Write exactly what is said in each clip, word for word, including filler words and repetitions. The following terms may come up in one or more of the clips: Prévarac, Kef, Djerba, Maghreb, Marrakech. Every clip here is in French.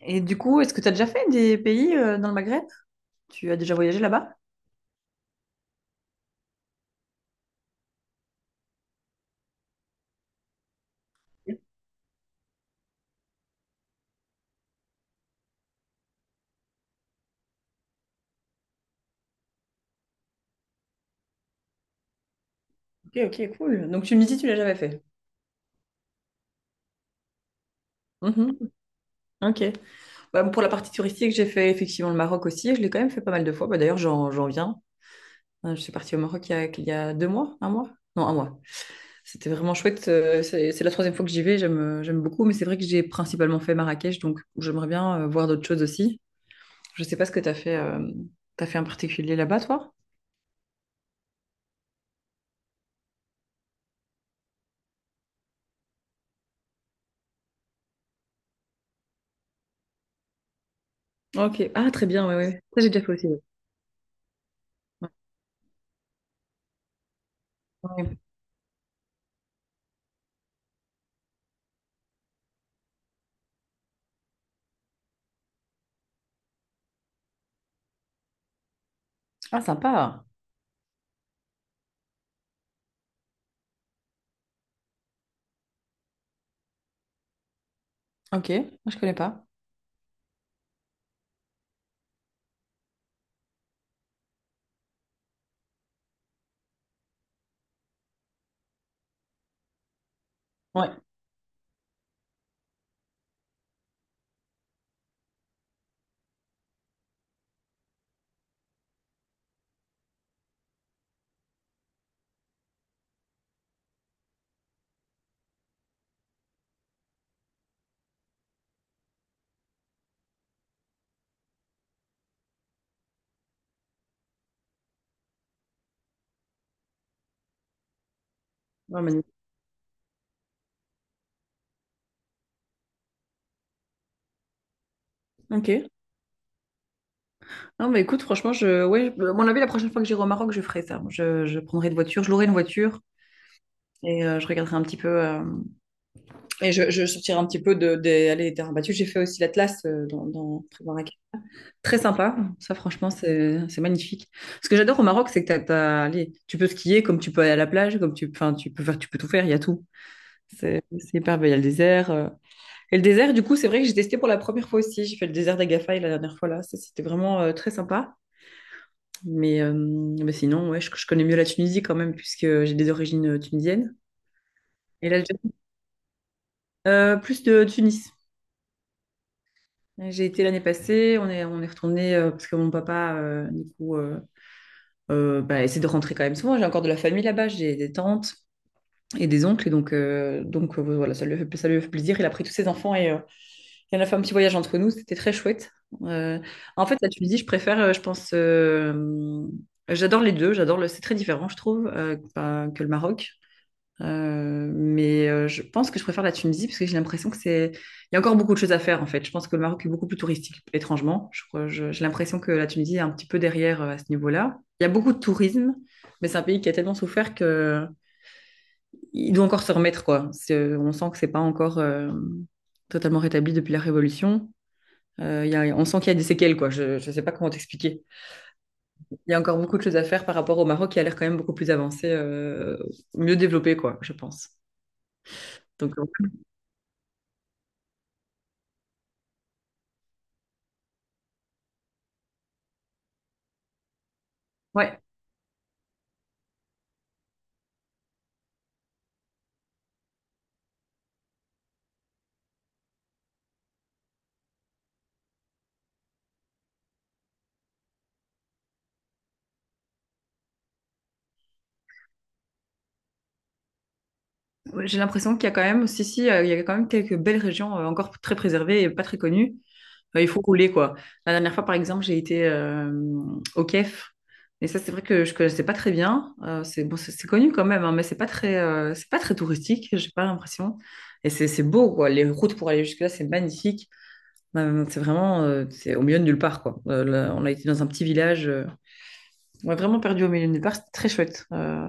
Et du coup, est-ce que tu as déjà fait des pays euh, dans le Maghreb? Tu as déjà voyagé là-bas? Ok, ok, cool. Donc tu me dis, si tu l'as jamais fait. Mhm, ok. Bah, pour la partie touristique, j'ai fait effectivement le Maroc aussi. Je l'ai quand même fait pas mal de fois. Bah, d'ailleurs, j'en, j'en viens. Euh, Je suis partie au Maroc il y a, il y a deux mois, un mois? Non, un mois. C'était vraiment chouette. Euh, C'est c'est la troisième fois que j'y vais. J'aime, euh, j'aime beaucoup. Mais c'est vrai que j'ai principalement fait Marrakech. Donc, j'aimerais bien euh, voir d'autres choses aussi. Je sais pas ce que tu as fait, euh, t'as fait en particulier là-bas, toi? Ok. Ah, très bien. Oui, oui. Ça, j'ai déjà fait aussi. ouais. Ah, sympa. Ok, moi je connais pas. Ouais, ouais, magnifique. Ok. Non, mais écoute, franchement, je, ouais, je- à mon avis, la prochaine fois que j'irai au Maroc, je ferai ça. Je, je prendrai une voiture, je louerai une voiture et euh, je regarderai un petit peu. Euh, et je, je sortirai un petit peu de, des allées des terrains battus. J'ai fait aussi l'Atlas euh, dans, dans, Prévarac. Très sympa. Ça, franchement, c'est c'est magnifique. Ce que j'adore au Maroc, c'est que t'as, t'as- allez, tu peux skier comme tu peux aller à la plage, comme tu, enfin, tu peux faire, tu peux tout faire, il y a tout. C'est c'est hyper beau. Il y a le désert. euh, Et le désert, du coup, c'est vrai que j'ai testé pour la première fois aussi. J'ai fait le désert d'Agafay la dernière fois là. Ça, c'était vraiment euh, très sympa. Mais, euh, mais sinon, ouais, je, je connais mieux la Tunisie quand même, puisque j'ai des origines euh, tunisiennes. Et l'Algérie, euh, plus de Tunis. J'ai été l'année passée, on est, on est retourné euh, parce que mon papa, euh, du coup, euh, euh, bah, essaie de rentrer quand même souvent. J'ai encore de la famille là-bas, j'ai des tantes et des oncles. Et donc, euh, donc euh, voilà, ça lui a fait, ça lui a fait plaisir. Il a pris tous ses enfants et euh, On a fait un petit voyage entre nous, c'était très chouette. Euh, en fait, la Tunisie, je préfère, euh, je pense, euh, j'adore les deux, j'adore le, c'est très différent, je trouve, euh, pas- que le Maroc. Euh, mais euh, je pense que je préfère la Tunisie parce que j'ai l'impression que c'est, il y a encore beaucoup de choses à faire en fait. Je pense que le Maroc est beaucoup plus touristique, étrangement. Je crois, je- j'ai l'impression que la Tunisie est un petit peu derrière euh, à ce niveau-là. Il y a beaucoup de tourisme, mais c'est un pays qui a tellement souffert que il doit encore se remettre quoi. C'est- on sent que c'est pas encore euh, totalement rétabli depuis la Révolution. Euh, il y a- on sent qu'il y a des séquelles, quoi. Je ne sais pas comment t'expliquer. Il y a encore beaucoup de choses à faire par rapport au Maroc qui a l'air quand même beaucoup plus avancé, euh, mieux développé, quoi, je pense. Donc, euh, ouais, Ouais, j'ai l'impression qu'il y a quand même, si, si, euh, il y a quand même quelques belles régions euh, encore très préservées et pas très connues. Euh, il faut rouler, quoi. La dernière fois, par exemple, j'ai été euh, au Kef. Et ça, c'est vrai que je connaissais pas très bien. Euh, c'est bon, c'est c'est connu quand même, hein, mais c'est pas très, euh, c'est pas très touristique, j'ai pas l'impression. Et c'est c'est beau, quoi. Les routes pour aller jusque-là, c'est magnifique. Non, non, C'est vraiment euh, c'est au milieu de nulle part, quoi. Euh, là, on a été dans un petit village. euh, on est vraiment perdu au milieu de nulle part. C'était très chouette. Euh,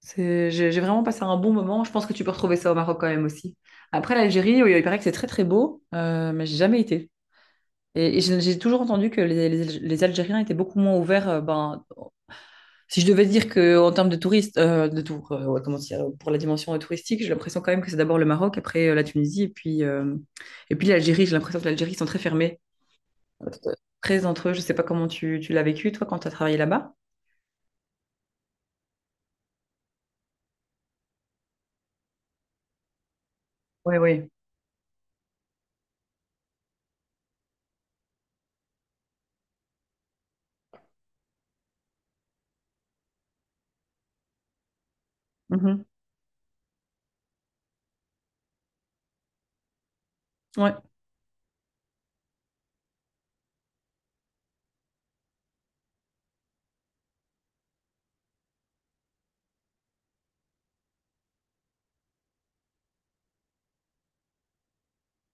c'est- j'ai j'ai vraiment passé un bon moment. Je pense que tu peux retrouver ça au Maroc quand même aussi. Après, l'Algérie, oui, il paraît que c'est très très beau, euh, mais j'ai jamais été. Et, et j'ai j'ai toujours entendu que les, les- les Algériens étaient beaucoup moins ouverts. euh, ben, si je devais dire que en termes de touristes, euh, de tour, euh, ouais, comment dire, pour la dimension euh, touristique, j'ai l'impression quand même que c'est d'abord le Maroc, après euh, la Tunisie, et puis euh, et puis l'Algérie. J'ai l'impression que l'Algérie ils sont très fermés. Très entre eux. Je sais pas comment tu, tu l'as vécu, toi, quand tu as travaillé là-bas. Oui, oui. Mhm. Ouais.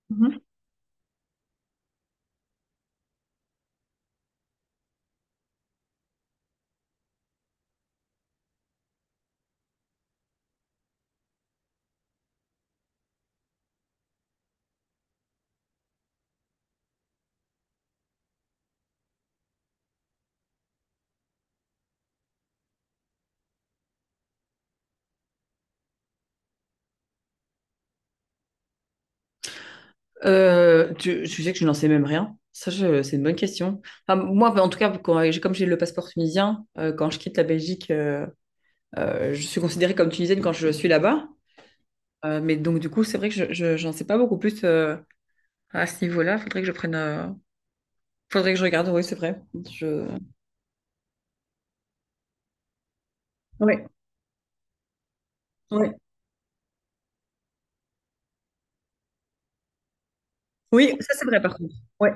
Mhm. Euh, tu, tu sais que je n'en sais même rien. Ça, je- c'est une bonne question. Enfin, moi, en tout cas, quand j'ai- comme j'ai le passeport tunisien, euh, quand je quitte la Belgique, euh, euh, je suis considérée comme tunisienne quand je suis là-bas. Euh, mais donc, du coup, c'est vrai que je, je- j'en sais pas beaucoup plus euh, à ce niveau-là. Faudrait que je prenne. euh, Faudrait que je regarde. Oui, c'est vrai. Je... Oui, oui, Oui, ça, c'est vrai, par contre. Oui.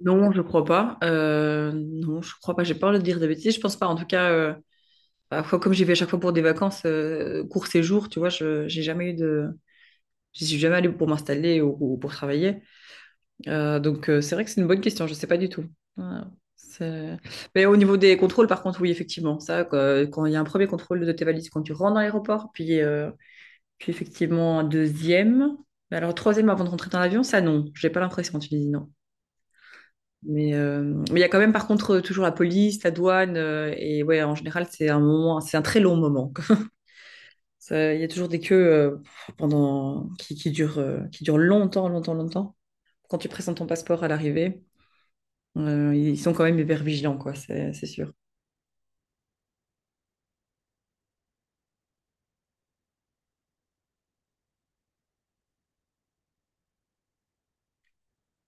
Non, je crois pas. Euh, non, je crois pas. J'ai peur de dire des bêtises. Je pense pas. En tout cas, euh, parfois, comme j'y vais à chaque fois pour des vacances, euh, court séjour, tu vois, je j'ai jamais eu de. J'y suis jamais allée pour m'installer ou, ou pour travailler. Euh, donc, euh, c'est vrai que c'est une bonne question. Je sais pas du tout. Ouais, c'est- Mais au niveau des contrôles, par contre, oui, effectivement. Ça, quoi, quand il y a un premier contrôle de tes valises quand tu rentres dans l'aéroport, puis, euh, puis effectivement un deuxième. Mais alors, troisième avant de rentrer dans l'avion, ça, non. J'ai pas l'impression en Tunisie, Mais euh, mais il y a quand même, par contre, euh, toujours la police, la douane, euh, et ouais, en général, c'est un moment, c'est un très long moment. Ça- Il y a toujours des queues euh, pendant qui, qui durent, euh, qui durent longtemps, longtemps, longtemps. Quand tu présentes ton passeport à l'arrivée, euh, ils sont quand même hyper vigilants, quoi. C'est, c'est sûr.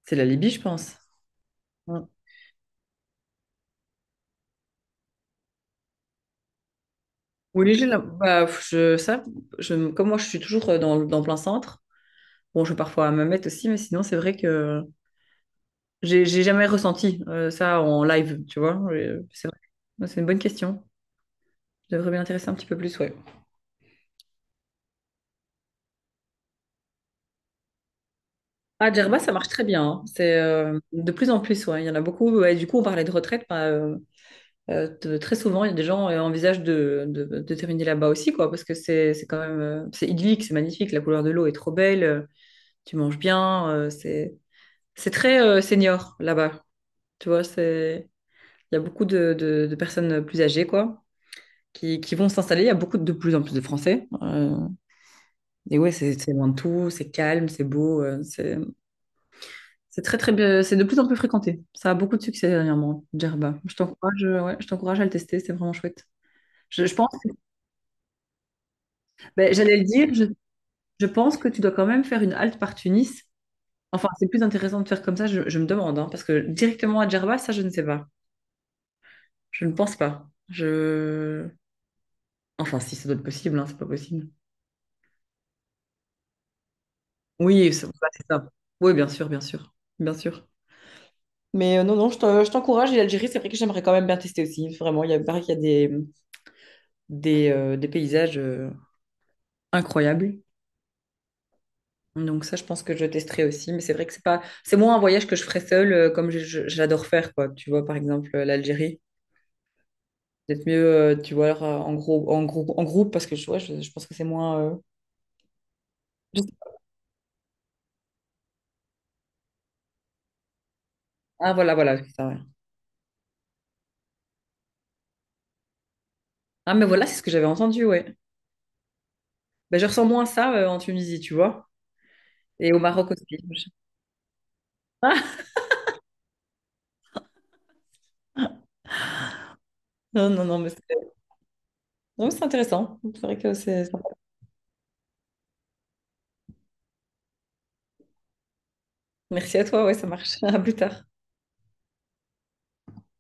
C'est la Libye, je pense. Ouais. Oui, j'ai la- bah, je, ça, je, comme moi, je suis toujours euh, dans, le- dans plein centre. Bon, je vais parfois à ma mette aussi, mais sinon, c'est vrai que j'ai j'ai jamais ressenti euh, ça en live, tu vois. Euh, C'est vrai. Ouais, C'est une bonne question. Je devrais m'y intéresser un petit peu plus, ouais. Ah, Djerba, ça marche très bien. hein. C'est euh, de plus en plus, ouais. Il y en a beaucoup. Et du coup, on parlait de retraite. bah, euh, euh, de- très souvent, il y a des gens qui envisagent de, de, de terminer là-bas aussi, quoi, parce que c'est c'est quand même euh, c'est idyllique, c'est magnifique. La couleur de l'eau est trop belle. euh, Tu manges bien. euh, c'est c'est très euh, senior là-bas. Tu vois, c'est il y a beaucoup de, de, de personnes plus âgées, quoi, qui, qui vont s'installer. Il y a beaucoup de de plus en plus de Français. Euh, et ouais, c'est c'est loin de tout. C'est calme, c'est beau. euh, c'est C'est très très bien, c'est de plus en plus fréquenté. Ça a beaucoup de succès dernièrement, Djerba. Je t'encourage, euh, ouais, je t'encourage à le tester, c'est vraiment chouette. Je, je pense, ben, j'allais le dire, je, je pense que tu dois quand même faire une halte par Tunis. Enfin, c'est plus intéressant de faire comme ça, je, je me demande, hein, parce que directement à Djerba, ça je ne sais pas. Je ne pense pas. Je... Enfin, si ça doit être possible, hein, c'est pas possible. Oui, c'est bah, c'est ça. Oui, bien sûr, bien sûr, bien sûr. Mais euh, non, non, je t'en- je t'encourage. Et l'Algérie, c'est vrai que j'aimerais quand même bien tester aussi. Vraiment, il y a, il paraît qu'il y a des, des, euh, des paysages. Euh, incroyable. Donc ça, je pense que je testerai aussi. Mais c'est vrai que c'est pas, c'est moins un voyage que je ferais seule, euh, comme je- je- j'adore faire, quoi. Tu vois, par exemple, euh, l'Algérie. Peut-être mieux, euh, tu vois, alors, euh, en groupe, en groupe, en groupe, parce que je, ouais, je, je pense que c'est moins. euh, je- Ah voilà, voilà. c'est ça, ouais. Ah mais voilà, c'est ce que j'avais entendu, ouais. Ben, je ressens moins ça euh, en Tunisie, tu vois, et au Maroc aussi. Ah, non, non, non, mais c'est non, mais c'est intéressant. C'est vrai que c'est sympa. Merci à toi, ouais, ça marche. À plus tard.